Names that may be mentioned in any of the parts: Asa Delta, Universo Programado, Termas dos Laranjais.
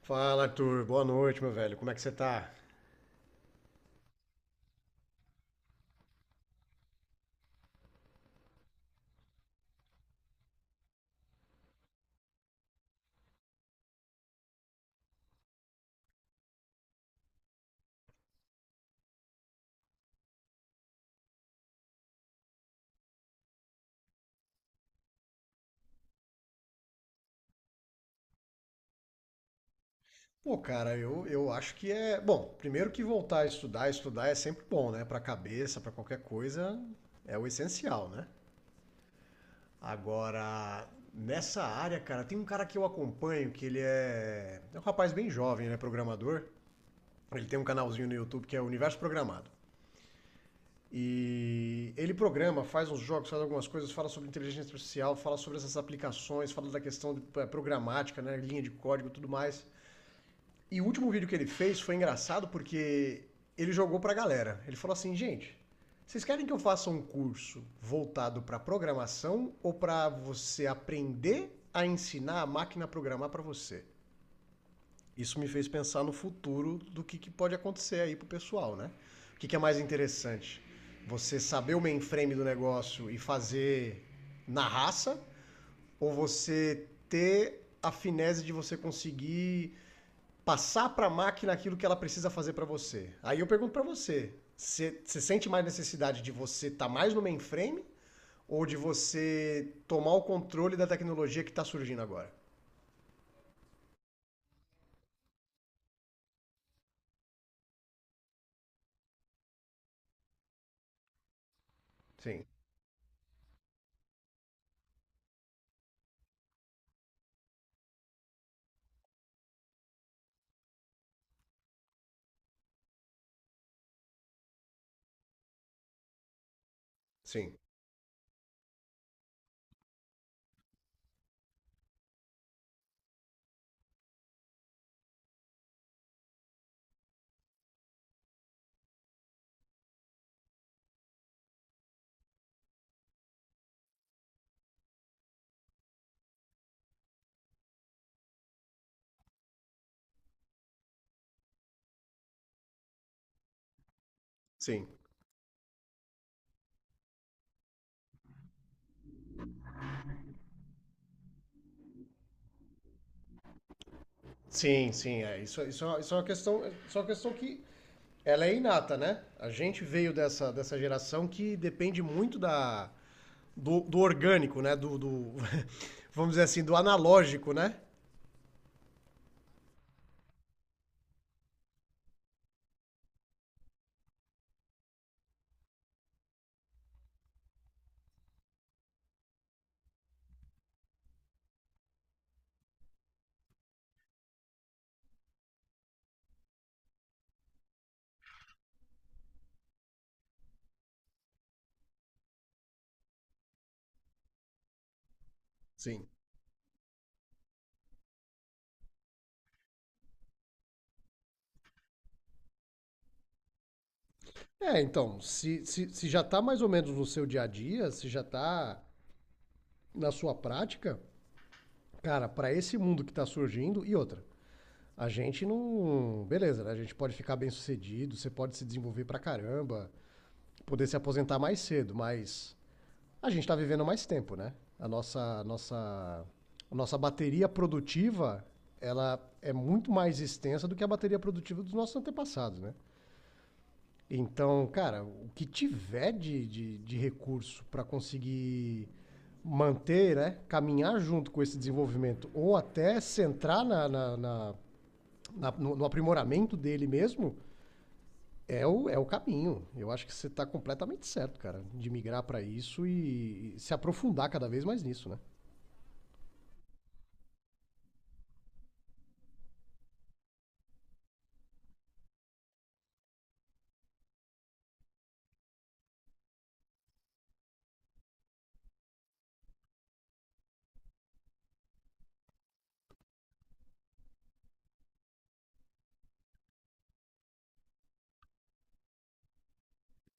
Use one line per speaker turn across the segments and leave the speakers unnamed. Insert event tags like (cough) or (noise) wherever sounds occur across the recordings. Fala, Arthur. Boa noite, meu velho. Como é que você tá? Pô, cara, eu acho que é. Bom, primeiro que voltar a estudar, estudar é sempre bom, né? Pra cabeça, pra qualquer coisa, é o essencial, né? Agora, nessa área, cara, tem um cara que eu acompanho que ele é. É um rapaz bem jovem, né? Programador. Ele tem um canalzinho no YouTube que é Universo Programado. E ele programa, faz uns jogos, faz algumas coisas, fala sobre inteligência artificial, fala sobre essas aplicações, fala da questão de, programática, né? Linha de código e tudo mais. E o último vídeo que ele fez foi engraçado porque ele jogou pra galera. Ele falou assim, gente, vocês querem que eu faça um curso voltado pra programação ou pra você aprender a ensinar a máquina a programar pra você? Isso me fez pensar no futuro do que, pode acontecer aí pro pessoal, né? O que, que é mais interessante? Você saber o mainframe do negócio e fazer na raça ou você ter a finese de você conseguir passar para a máquina aquilo que ela precisa fazer para você. Aí eu pergunto para você, você sente mais necessidade de você estar tá mais no mainframe ou de você tomar o controle da tecnologia que está surgindo agora? Sim, sim, sim. Sim, sim, é. Isso, isso é uma questão, isso é uma questão que ela é inata, né? A gente veio dessa, geração que depende muito da, do orgânico, né? (laughs) Vamos dizer assim, do analógico, né? Sim. É, então, se já tá mais ou menos no seu dia a dia, se já tá na sua prática, cara, pra esse mundo que tá surgindo, e outra, a gente não. Beleza, né? A gente pode ficar bem sucedido, você pode se desenvolver pra caramba, poder se aposentar mais cedo, mas a gente tá vivendo mais tempo, né? A nossa, a nossa, a nossa bateria produtiva, ela é muito mais extensa do que a bateria produtiva dos nossos antepassados, né? Então, cara, o que tiver de recurso para conseguir manter, né, caminhar junto com esse desenvolvimento ou até centrar no aprimoramento dele mesmo, é o caminho. Eu acho que você está completamente certo, cara, de migrar para isso e se aprofundar cada vez mais nisso, né?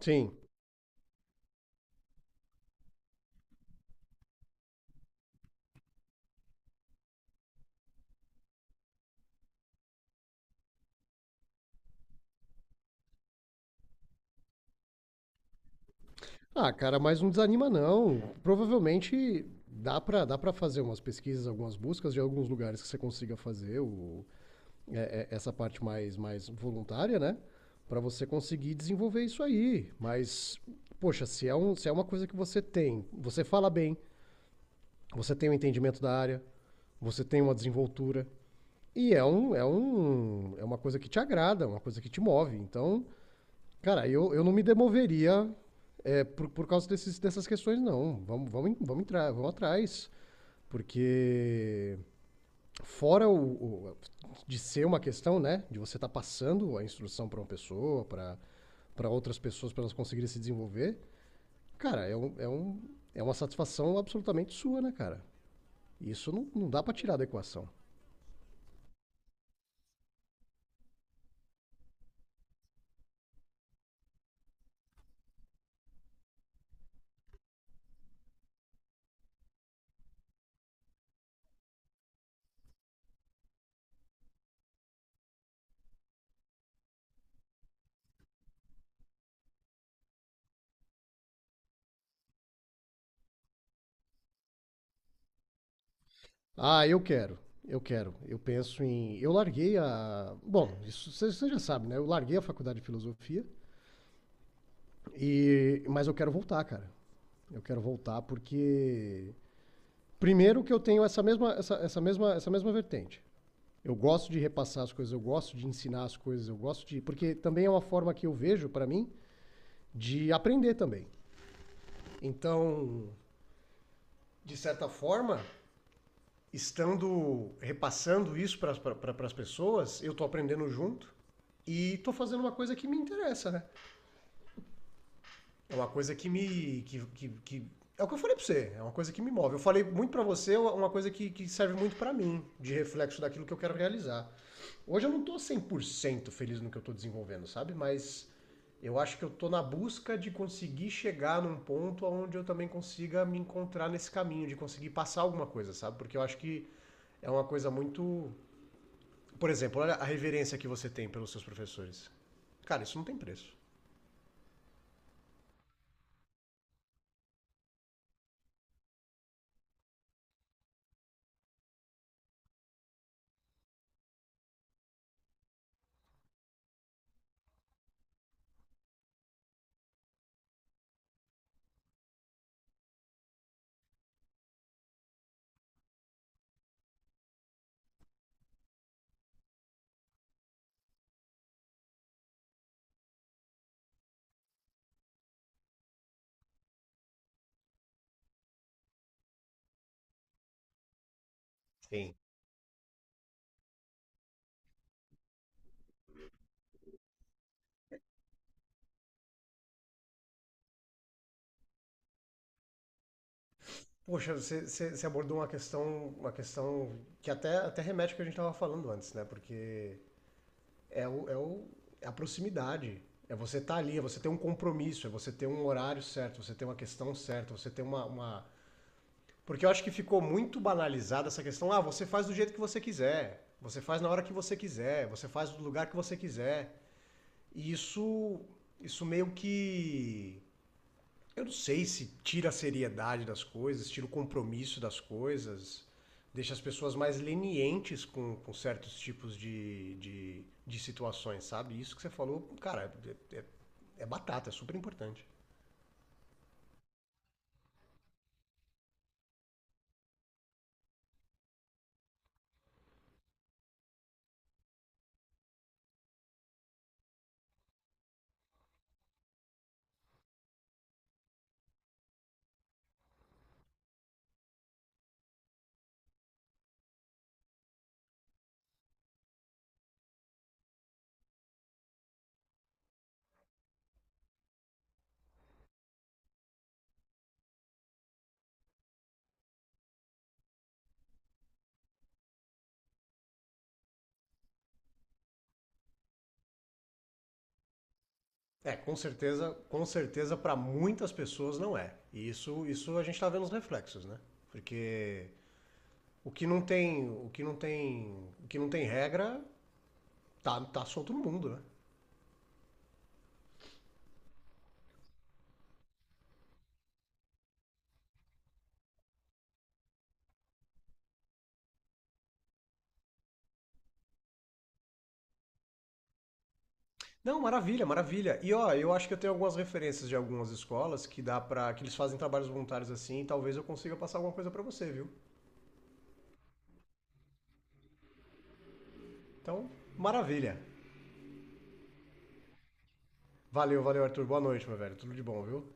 Sim. Ah, cara, mas não desanima não. Provavelmente dá para fazer umas pesquisas, algumas buscas de alguns lugares que você consiga fazer essa parte mais voluntária, né? Para você conseguir desenvolver isso aí. Mas, poxa, se é uma coisa que você tem, você fala bem, você tem um entendimento da área, você tem uma desenvoltura. E é uma coisa que te agrada, uma coisa que te move. Então, cara, eu não me demoveria por causa dessas questões, não. Vamos, vamos, vamos entrar, vamos atrás. Porque fora de ser uma questão, né, de você estar tá passando a instrução para uma pessoa, para outras pessoas, para elas conseguirem se desenvolver, cara, é uma satisfação absolutamente sua, né, cara? Isso não, não dá para tirar da equação. Ah, eu quero, eu quero. Eu penso em. Eu larguei a. Bom, isso você já sabe, né? Eu larguei a faculdade de filosofia, mas eu quero voltar, cara. Eu quero voltar porque. Primeiro que eu tenho essa mesma vertente. Eu gosto de repassar as coisas, eu gosto de ensinar as coisas, eu gosto de. Porque também é uma forma que eu vejo, para mim, de aprender também. Então, de certa forma, estando repassando isso para as pessoas, eu estou aprendendo junto e estou fazendo uma coisa que me interessa, né? É uma coisa que me. É o que eu falei pra você, é uma coisa que me move. Eu falei muito pra você, é uma coisa que serve muito pra mim, de reflexo daquilo que eu quero realizar. Hoje eu não tô 100% feliz no que eu tô desenvolvendo, sabe? Mas eu acho que eu tô na busca de conseguir chegar num ponto onde eu também consiga me encontrar nesse caminho, de conseguir passar alguma coisa, sabe? Porque eu acho que é uma coisa muito. Por exemplo, olha a reverência que você tem pelos seus professores. Cara, isso não tem preço. Sim. Poxa, abordou uma questão que até remete ao que a gente estava falando antes, né? Porque é, o, é, o, é a proximidade. É você estar ali, é você ter um compromisso, é você ter um horário certo, você ter uma questão certa, você ter uma, uma. Porque eu acho que ficou muito banalizada essa questão. Ah, você faz do jeito que você quiser, você faz na hora que você quiser, você faz do lugar que você quiser. E isso meio que eu não sei se tira a seriedade das coisas, tira o compromisso das coisas, deixa as pessoas mais lenientes com certos tipos de situações, sabe? Isso que você falou, cara, é, é- é batata, é super importante. É, com certeza para muitas pessoas não é. E isso a gente tá vendo os reflexos, né? Porque o que não tem regra, tá solto no mundo, né? Não, maravilha, maravilha. E ó, eu acho que eu tenho algumas referências de algumas escolas que dá para que eles fazem trabalhos voluntários assim, e talvez eu consiga passar alguma coisa para você, viu? Então, maravilha. Valeu, valeu, Arthur. Boa noite, meu velho. Tudo de bom, viu?